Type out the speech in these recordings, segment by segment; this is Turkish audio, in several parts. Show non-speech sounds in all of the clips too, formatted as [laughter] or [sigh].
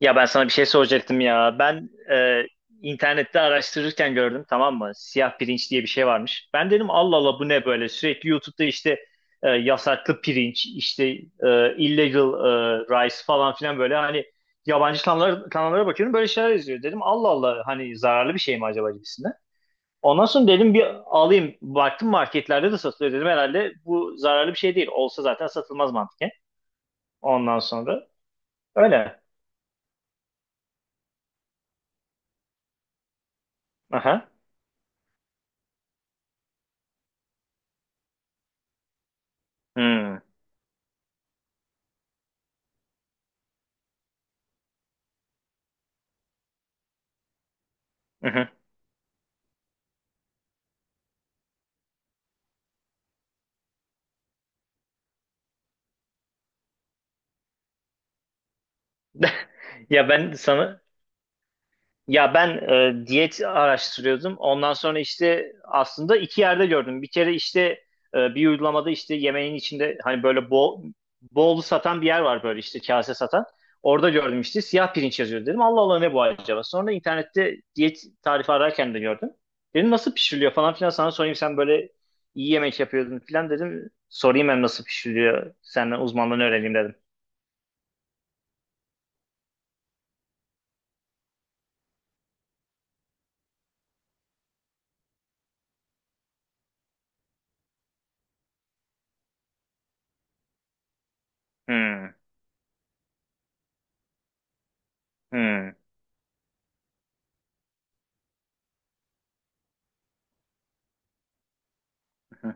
Ya ben sana bir şey soracaktım ya. Ben internette araştırırken gördüm, tamam mı? Siyah pirinç diye bir şey varmış. Ben dedim Allah Allah, bu ne böyle? Sürekli YouTube'da işte yasaklı pirinç, işte illegal rice falan filan, böyle hani yabancı kanallara bakıyorum, böyle şeyler yazıyor. Dedim Allah Allah, hani zararlı bir şey mi acaba gibisinden. Ondan sonra dedim bir alayım. Baktım marketlerde de satılıyor, dedim herhalde bu zararlı bir şey değil. Olsa zaten satılmaz mantıken. Ondan sonra öyle. Aha. Hmm. [laughs] Ya ben sana ya ben e, Diyet araştırıyordum. Ondan sonra işte aslında iki yerde gördüm. Bir kere işte bir uygulamada işte yemeğin içinde, hani böyle bol bol satan bir yer var, böyle işte kase satan. Orada gördüm, işte siyah pirinç yazıyor, dedim. Allah Allah ne bu acaba? Sonra internette diyet tarifi ararken de gördüm. Dedim nasıl pişiriliyor falan filan, sana sorayım, sen böyle iyi yemek yapıyordun filan, dedim. Sorayım hem nasıl pişiriliyor, senden uzmanlığını öğreneyim, dedim. Hmm, hmm, hmm.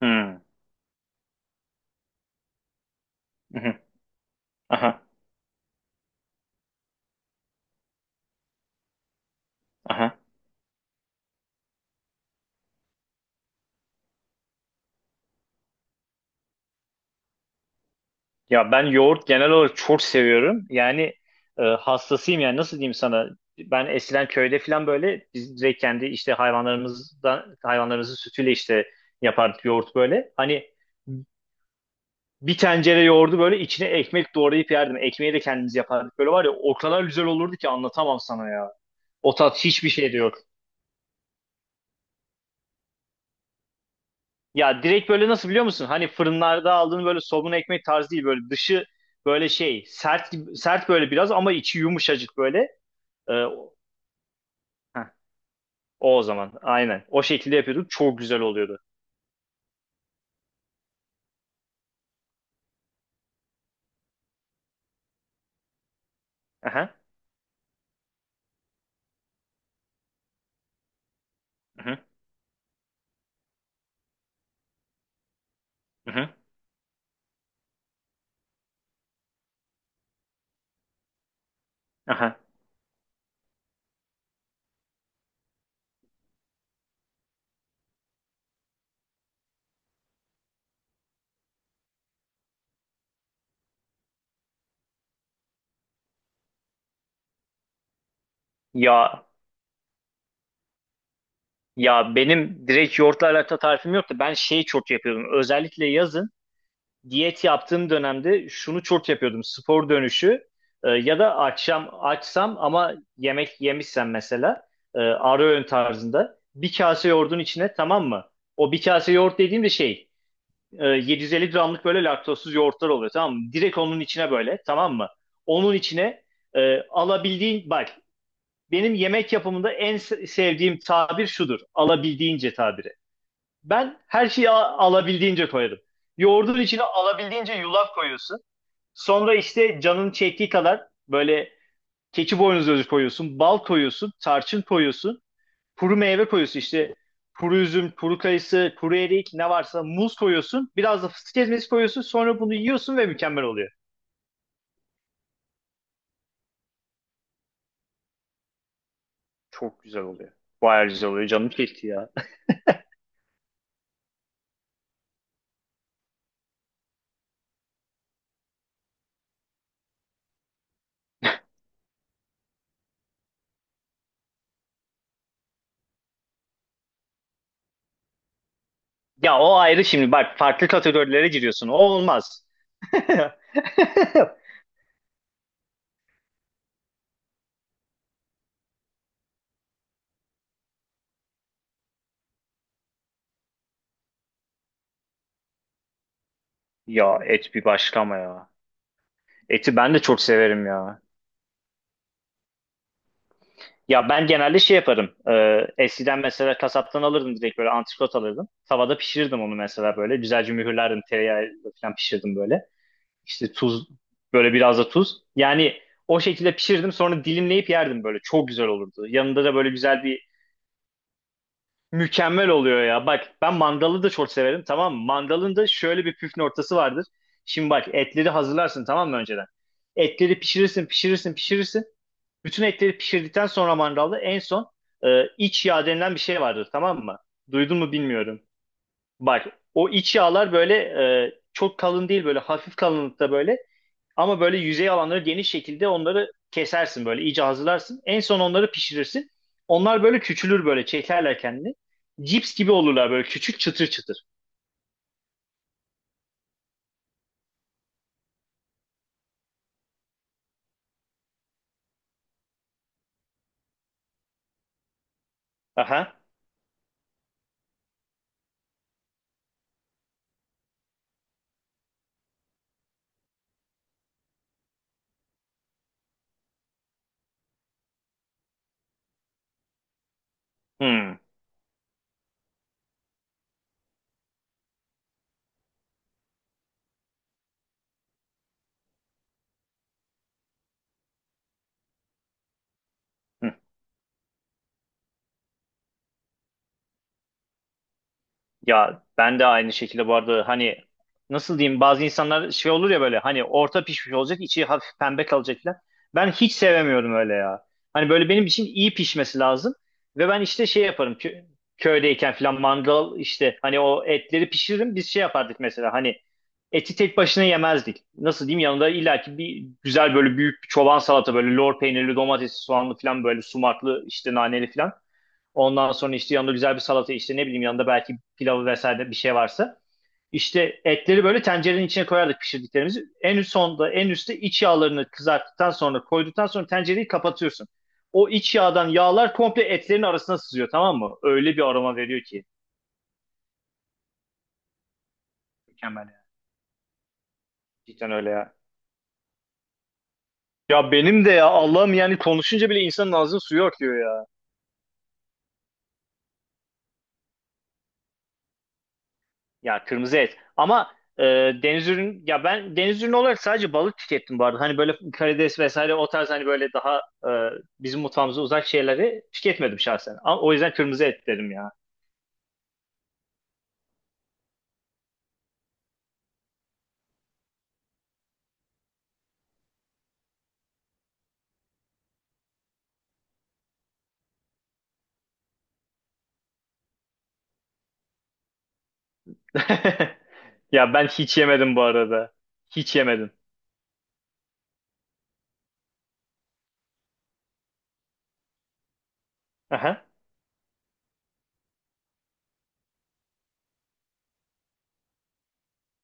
Hmm. Hmm. Aha, aha. Ya ben yoğurt genel olarak çok seviyorum. Yani hastasıyım, yani nasıl diyeyim sana? Ben eskiden köyde falan böyle biz direkt kendi işte hayvanlarımızdan, hayvanlarımızın sütüyle işte yapardık yoğurt böyle. Hani bir tencere yoğurdu böyle içine ekmek doğrayıp yerdim. Ekmeği de kendimiz yapardık. Böyle var ya, o kadar güzel olurdu ki anlatamam sana ya. O tat hiçbir şeyde yok. Ya direkt böyle, nasıl biliyor musun? Hani fırınlarda aldığın böyle somun ekmek tarzı değil, böyle dışı böyle şey sert böyle biraz, ama içi yumuşacık böyle. Ee, o, heh, o zaman aynen o şekilde yapıyorduk, çok güzel oluyordu. Aha, aha, aha, aha. Ya ya benim direkt yoğurtla alakalı tarifim yok da ben şey çok yapıyordum özellikle yazın. Diyet yaptığım dönemde şunu çok yapıyordum. Spor dönüşü ya da akşam açsam ama yemek yemişsem mesela ara öğün tarzında bir kase yoğurdun içine, tamam mı? O bir kase yoğurt dediğim de şey 750 gramlık böyle laktozsuz yoğurtlar oluyor, tamam mı? Direkt onun içine böyle, tamam mı? Onun içine alabildiğin bak, benim yemek yapımında en sevdiğim tabir şudur. Alabildiğince tabiri. Ben her şeyi alabildiğince koyarım. Yoğurdun içine alabildiğince yulaf koyuyorsun. Sonra işte canın çektiği kadar böyle keçi boynuzu özü koyuyorsun, bal koyuyorsun, tarçın koyuyorsun, kuru meyve koyuyorsun, işte kuru üzüm, kuru kayısı, kuru erik ne varsa, muz koyuyorsun. Biraz da fıstık ezmesi koyuyorsun. Sonra bunu yiyorsun ve mükemmel oluyor. Çok güzel oluyor. Bayağı güzel oluyor. Canım çekti ya. [laughs] Ya o ayrı şimdi bak, farklı kategorilere giriyorsun. O olmaz. [laughs] Ya et bir başka, ama ya. Eti ben de çok severim ya. Ya ben genelde şey yaparım. Eskiden mesela kasaptan alırdım, direkt böyle antrikot alırdım. Tavada pişirirdim onu mesela böyle. Güzelce mühürlerdim, tereyağı falan pişirdim böyle. İşte tuz, böyle biraz da tuz. Yani o şekilde pişirdim, sonra dilimleyip yerdim böyle. Çok güzel olurdu. Yanında da böyle güzel bir mükemmel oluyor ya. Bak ben mandalı da çok severim, tamam mı? Mandalın da şöyle bir püf noktası vardır. Şimdi bak, etleri hazırlarsın tamam mı önceden? Etleri pişirirsin pişirirsin pişirirsin. Bütün etleri pişirdikten sonra mangalda en son iç yağ denilen bir şey vardır, tamam mı? Duydun mu bilmiyorum. Bak, o iç yağlar böyle çok kalın değil, böyle hafif kalınlıkta böyle, ama böyle yüzey alanları geniş şekilde onları kesersin, böyle iyice hazırlarsın. En son onları pişirirsin. Onlar böyle küçülür, böyle çekerler kendini. Cips gibi olurlar, böyle küçük çıtır çıtır. Aha. Hmm. Ya ben de aynı şekilde bu arada, hani nasıl diyeyim, bazı insanlar şey olur ya, böyle hani orta pişmiş olacak, içi hafif pembe kalacak falan. Ben hiç sevemiyorum öyle ya. Hani böyle benim için iyi pişmesi lazım. Ve ben işte şey yaparım, köydeyken falan mandal, işte hani o etleri pişiririm, biz şey yapardık mesela, hani eti tek başına yemezdik. Nasıl diyeyim, yanında illaki bir güzel böyle büyük bir çoban salata, böyle lor peynirli, domatesli, soğanlı falan, böyle sumaklı, işte naneli falan. Ondan sonra işte yanında güzel bir salata, işte ne bileyim, yanında belki pilavı vesaire bir şey varsa. İşte etleri böyle tencerenin içine koyardık pişirdiklerimizi. En üst sonda en üstte iç yağlarını kızarttıktan sonra, koyduktan sonra tencereyi kapatıyorsun. O iç yağdan yağlar komple etlerin arasına sızıyor, tamam mı? Öyle bir aroma veriyor ki. Mükemmel ya. Cidden öyle ya. Ya benim de, ya Allah'ım, yani konuşunca bile insanın ağzının suyu akıyor ya. Ya kırmızı et. Ama e, deniz ürün ya ben deniz ürünü olarak sadece balık tükettim bu arada. Hani böyle karides vesaire o tarz, hani böyle daha e, bizim mutfağımıza uzak şeyleri tüketmedim şahsen. Ama o yüzden kırmızı et dedim ya. [laughs] Ya ben hiç yemedim bu arada. Hiç yemedim. Aha,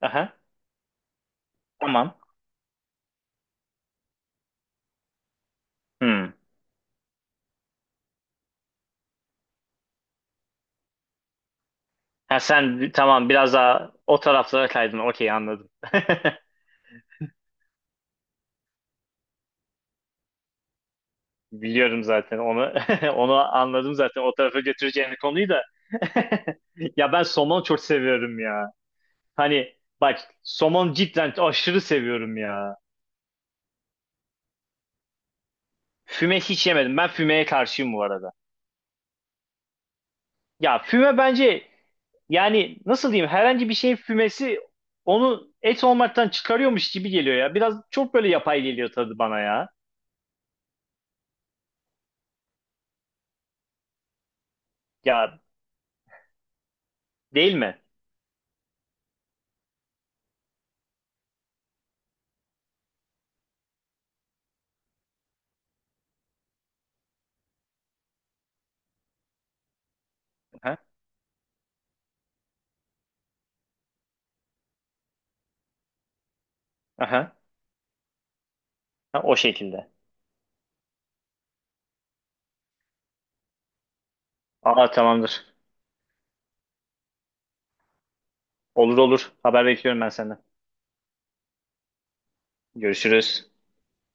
aha. Tamam. Hmm. Ha sen tamam, biraz daha o taraflara kaydın. Okey, anladım. [laughs] Biliyorum zaten onu. [laughs] Onu anladım zaten. O tarafa götüreceğini konuyu da. [laughs] Ya ben somon çok seviyorum ya. Hani bak somon cidden aşırı seviyorum ya. Füme hiç yemedim. Ben fümeye karşıyım bu arada. Ya füme bence, yani nasıl diyeyim, herhangi bir şeyin fümesi onu et olmaktan çıkarıyormuş gibi geliyor ya. Biraz çok böyle yapay geliyor tadı bana ya. Ya, değil mi? Aha, aha. Ha, o şekilde. Aa, tamamdır. Olur olur. Haber bekliyorum ben senden. Görüşürüz.